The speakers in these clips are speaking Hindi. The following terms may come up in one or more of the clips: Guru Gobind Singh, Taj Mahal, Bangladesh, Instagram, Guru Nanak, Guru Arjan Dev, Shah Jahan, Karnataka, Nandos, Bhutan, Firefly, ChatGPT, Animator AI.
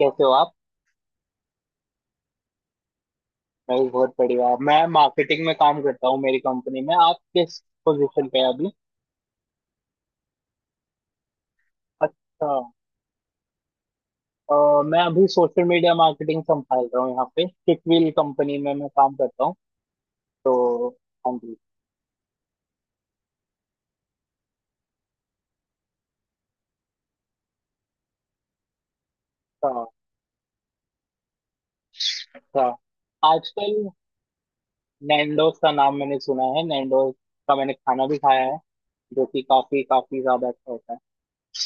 कैसे हो आप? मैं भी बहुत बढ़िया। मैं मार्केटिंग में काम करता हूँ मेरी कंपनी में। आप किस पोजीशन पे हैं अभी? अच्छा। मैं अभी सोशल मीडिया मार्केटिंग संभाल रहा हूँ, यहाँ पे किकविल कंपनी में मैं काम करता हूँ। तो, हाँ जी। अच्छा, अच्छा। आजकल नैंडोज का नाम मैंने सुना है। नैंडोज का मैंने खाना भी खाया है, जो कि काफी काफी ज्यादा अच्छा होता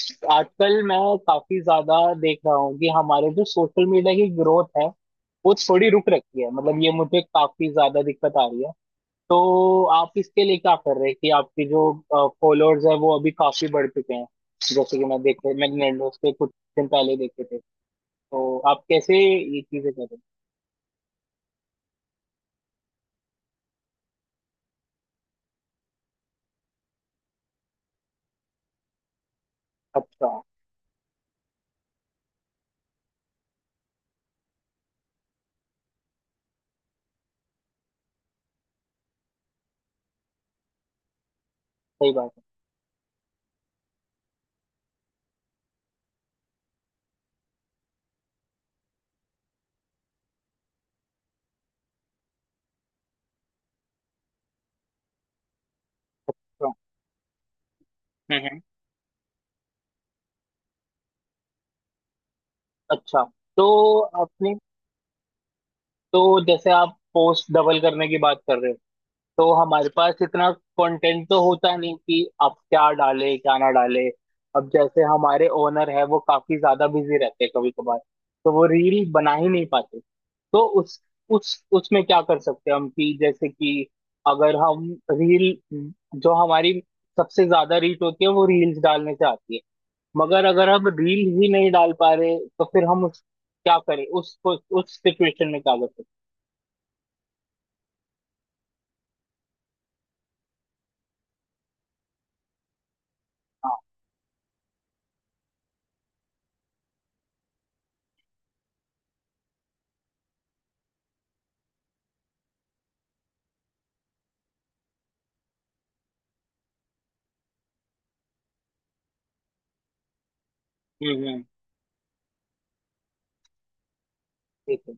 है। आजकल मैं काफी ज्यादा देख रहा हूँ कि हमारे जो सोशल मीडिया की ग्रोथ है वो थोड़ी रुक रखी है। मतलब ये मुझे काफी ज्यादा दिक्कत आ रही है। तो आप इसके लिए क्या कर रहे हैं कि आपकी जो फॉलोअर्स है वो अभी काफी बढ़ चुके हैं? जैसे कि मैं देखे, मैंने Nandos पे कुछ दिन पहले देखे थे। तो आप कैसे ये चीजें कर रहे हैं? अच्छा। सही बात है। हाँ। हम्म, अच्छा। तो आपने तो जैसे आप पोस्ट डबल करने की बात कर रहे हो, तो हमारे पास इतना कंटेंट तो होता नहीं कि अब क्या डाले क्या ना डाले। अब जैसे हमारे ओनर है वो काफी ज्यादा बिजी रहते हैं कभी कभार, तो वो रील बना ही नहीं पाते। तो उस उसमें क्या कर सकते हैं हम, कि जैसे कि अगर हम रील, जो हमारी सबसे ज्यादा रीच होती है वो रील्स डालने से आती है, मगर अगर हम रील ही नहीं डाल पा रहे, तो फिर हम उस क्या करें उस सिचुएशन में क्या कर सकते हैं? हाँ। हम्म, हम्म। ठीक है,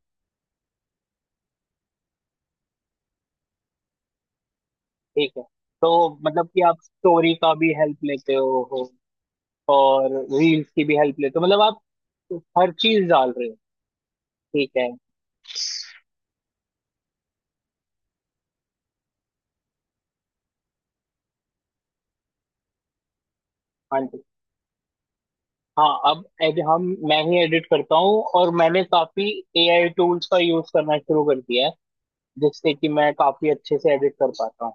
ठीक है। तो मतलब कि आप स्टोरी का भी हेल्प लेते हो, और रील्स की भी हेल्प लेते हो, मतलब आप हर चीज डाल रहे हो। ठीक है। हाँ जी। हाँ। अब एड, हम मैं ही एडिट करता हूँ, और मैंने काफी एआई टूल्स का यूज करना शुरू कर दिया है, जिससे कि मैं काफी अच्छे से एडिट कर पाता हूँ।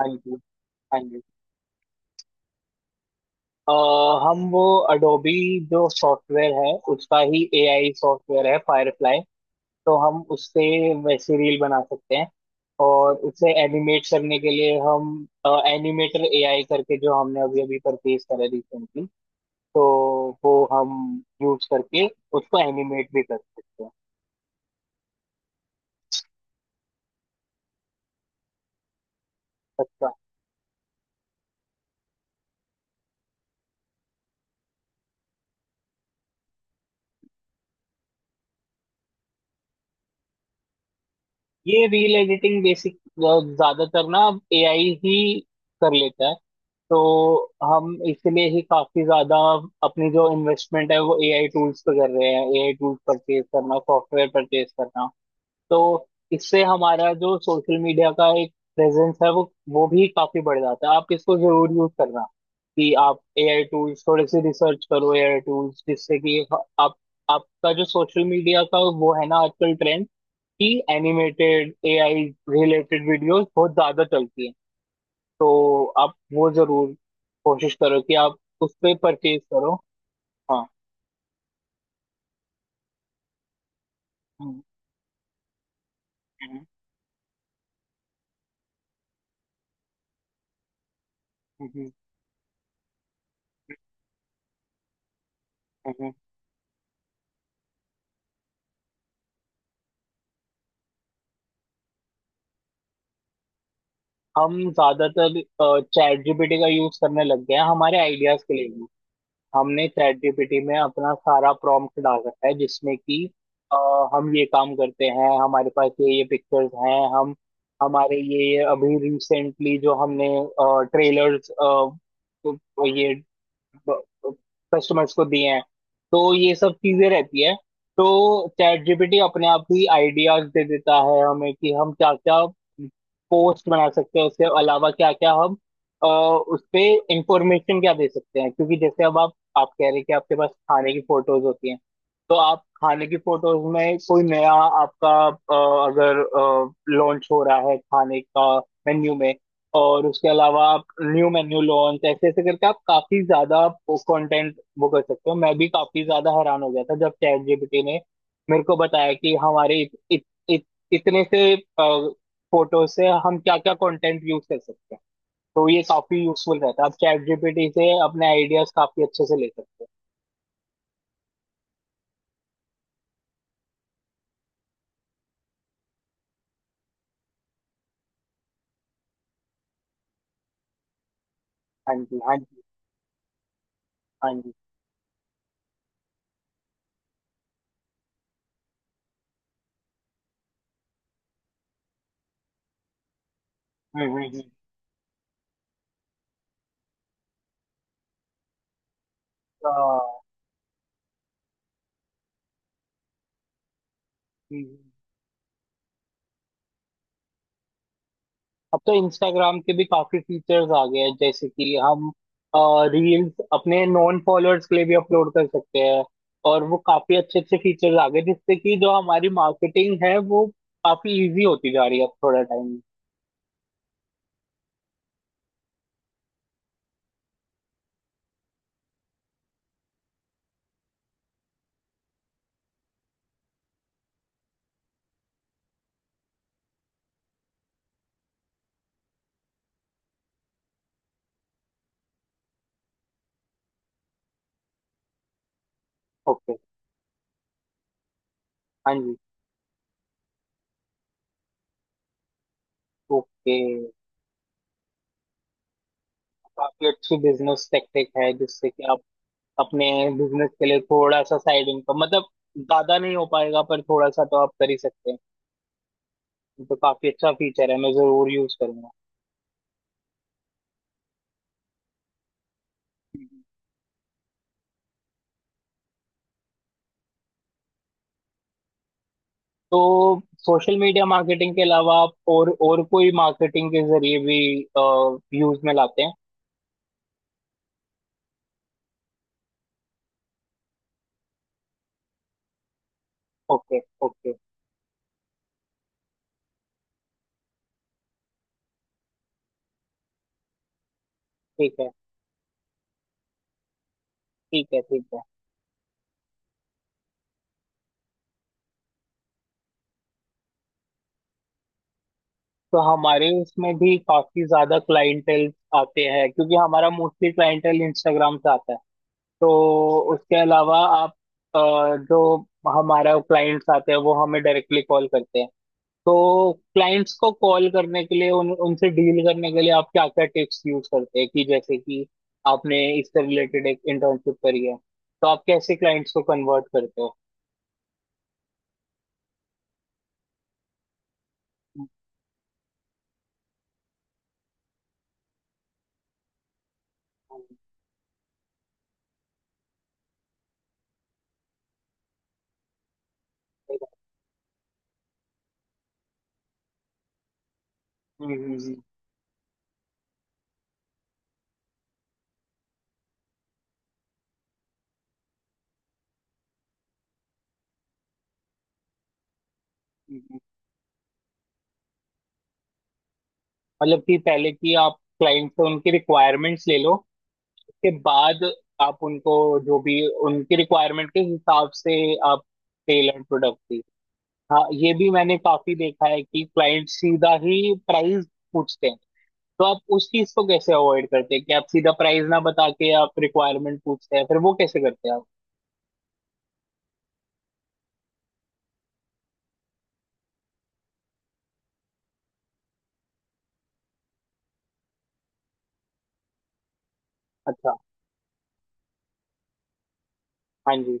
हाँ जी, हाँ जी। अ, हम वो अडोबी जो सॉफ्टवेयर है उसका ही एआई सॉफ्टवेयर है, फायरफ्लाई। तो हम उससे वैसे रील बना सकते हैं। और उसे एनिमेट करने के लिए हम एनिमेटर एआई करके, जो हमने अभी अभी परचेज करा रिसेंटली, तो वो हम यूज करके उसको एनिमेट भी कर सकते हैं। अच्छा। ये रील एडिटिंग बेसिक ज्यादातर ना एआई ही कर लेता है। तो हम इसलिए ही काफी ज्यादा अपनी जो इन्वेस्टमेंट है वो एआई टूल्स पे कर रहे हैं, एआई टूल्स परचेज करना, सॉफ्टवेयर परचेज करना। तो इससे हमारा जो सोशल मीडिया का एक प्रेजेंस है वो भी काफी बढ़ जाता है। आप इसको जरूर यूज करना, कि आप एआई टूल्स थोड़े से रिसर्च करो, एआई टूल्स, जिससे कि आप, आपका जो सोशल मीडिया का वो है ना, आजकल ट्रेंड कि एनिमेटेड एआई रिलेटेड वीडियोस बहुत ज्यादा चलती हैं, तो आप वो जरूर कोशिश करो कि आप उस पे परचेज करो। हाँ। हम्म, हम्म, हम्म, हम्म। हम ज्यादातर चैट जीपीटी का यूज करने लग गए हैं हमारे आइडियाज के लिए भी। हमने चैट जीपीटी में अपना सारा प्रॉम्प्ट डाल रखा है, जिसमें कि अ, हम ये काम करते हैं, हमारे पास ये पिक्चर्स हैं। हम हमारे ये अभी रिसेंटली जो हमने ट्रेलर्स ये कस्टमर्स को दिए हैं, तो ये सब चीजें रहती है। तो चैट जीपीटी अपने आप ही आइडियाज दे देता है हमें कि हम क्या क्या पोस्ट बना सकते हैं, उसके अलावा क्या क्या हम, उस पे इंफॉर्मेशन क्या दे सकते हैं। क्योंकि जैसे अब आप कह रहे हैं कि आपके पास खाने की फोटोज होती हैं, तो आप खाने की फोटोज में कोई नया आपका, अगर लॉन्च हो रहा है खाने का मेन्यू में, और उसके अलावा आप न्यू मेन्यू लॉन्च ऐसे ऐसे करके आप काफी ज्यादा कंटेंट वो कर सकते हो। मैं भी काफी ज्यादा हैरान हो गया था जब चैट जीपीटी ने मेरे को बताया कि हमारे इत, इत, इत, इतने से फोटो से हम क्या क्या कंटेंट यूज कर सकते हैं। तो ये काफी यूजफुल रहता है, आप चैट जीपीटी से अपने आइडियाज काफी अच्छे से ले सकते हैं। हाँ जी, हाँ जी, हाँ जी। हम्म, हम्म, हाँ। हम्म। अब तो इंस्टाग्राम के भी काफी फीचर्स आ गए हैं, जैसे कि हम रील्स अपने नॉन फॉलोअर्स के लिए भी अपलोड कर सकते हैं। और वो काफी अच्छे अच्छे फीचर्स आ गए, जिससे कि जो हमारी मार्केटिंग है वो काफी इजी होती जा रही है अब थोड़ा टाइम। ओके। हाँ जी। ओके। काफी अच्छी बिजनेस टेक्निक है, जिससे कि आप अपने बिजनेस के लिए थोड़ा सा साइड इनकम, मतलब ज्यादा नहीं हो पाएगा पर थोड़ा सा तो आप कर ही सकते हैं। ये तो काफी अच्छा फीचर है, मैं जरूर यूज करूंगा। तो सोशल मीडिया मार्केटिंग के अलावा आप और कोई मार्केटिंग के जरिए भी यूज में लाते हैं? Okay, okay. ठीक है, ठीक है, ठीक है। तो हमारे उसमें भी काफी ज्यादा क्लाइंटेल आते हैं, क्योंकि हमारा मोस्टली क्लाइंटेल इंस्टाग्राम से आता है। तो उसके अलावा आप, अ, जो हमारा क्लाइंट्स आते हैं वो हमें डायरेक्टली कॉल करते हैं। तो क्लाइंट्स को कॉल करने के लिए, उन उनसे डील करने के लिए आप क्या क्या टिप्स यूज करते हैं, कि जैसे कि आपने इससे रिलेटेड एक इंटर्नशिप करी है, तो आप कैसे क्लाइंट्स को कन्वर्ट करते हो? हम्म, हम्म, हम्म, हम्म। मतलब कि पहले कि आप क्लाइंट से उनकी रिक्वायरमेंट्स ले लो, उसके बाद आप उनको, जो भी उनकी रिक्वायरमेंट के हिसाब से, आप टेलर प्रोडक्ट दी। हाँ, ये भी मैंने काफी देखा है कि क्लाइंट सीधा ही प्राइस पूछते हैं। तो आप उस चीज को कैसे अवॉइड करते हैं कि आप सीधा प्राइस ना बता के आप रिक्वायरमेंट पूछते हैं, फिर वो कैसे करते हैं आप? अच्छा। हाँ जी,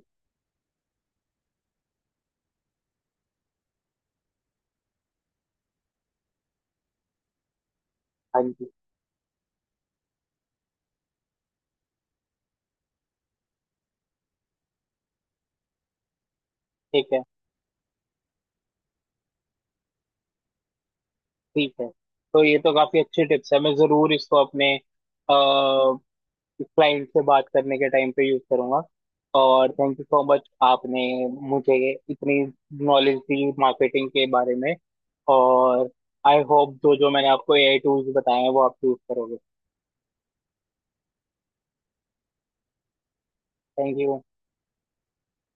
हाँ जी। ठीक है, ठीक है। तो ये तो काफी अच्छी टिप्स है, मैं जरूर इसको अपने क्लाइंट से बात करने के टाइम पे यूज करूंगा। और थैंक यू सो मच, आपने मुझे इतनी नॉलेज दी मार्केटिंग के बारे में। और आई होप जो जो मैंने आपको एआई टूल्स बताए हैं वो आप यूज करोगे। Thank you.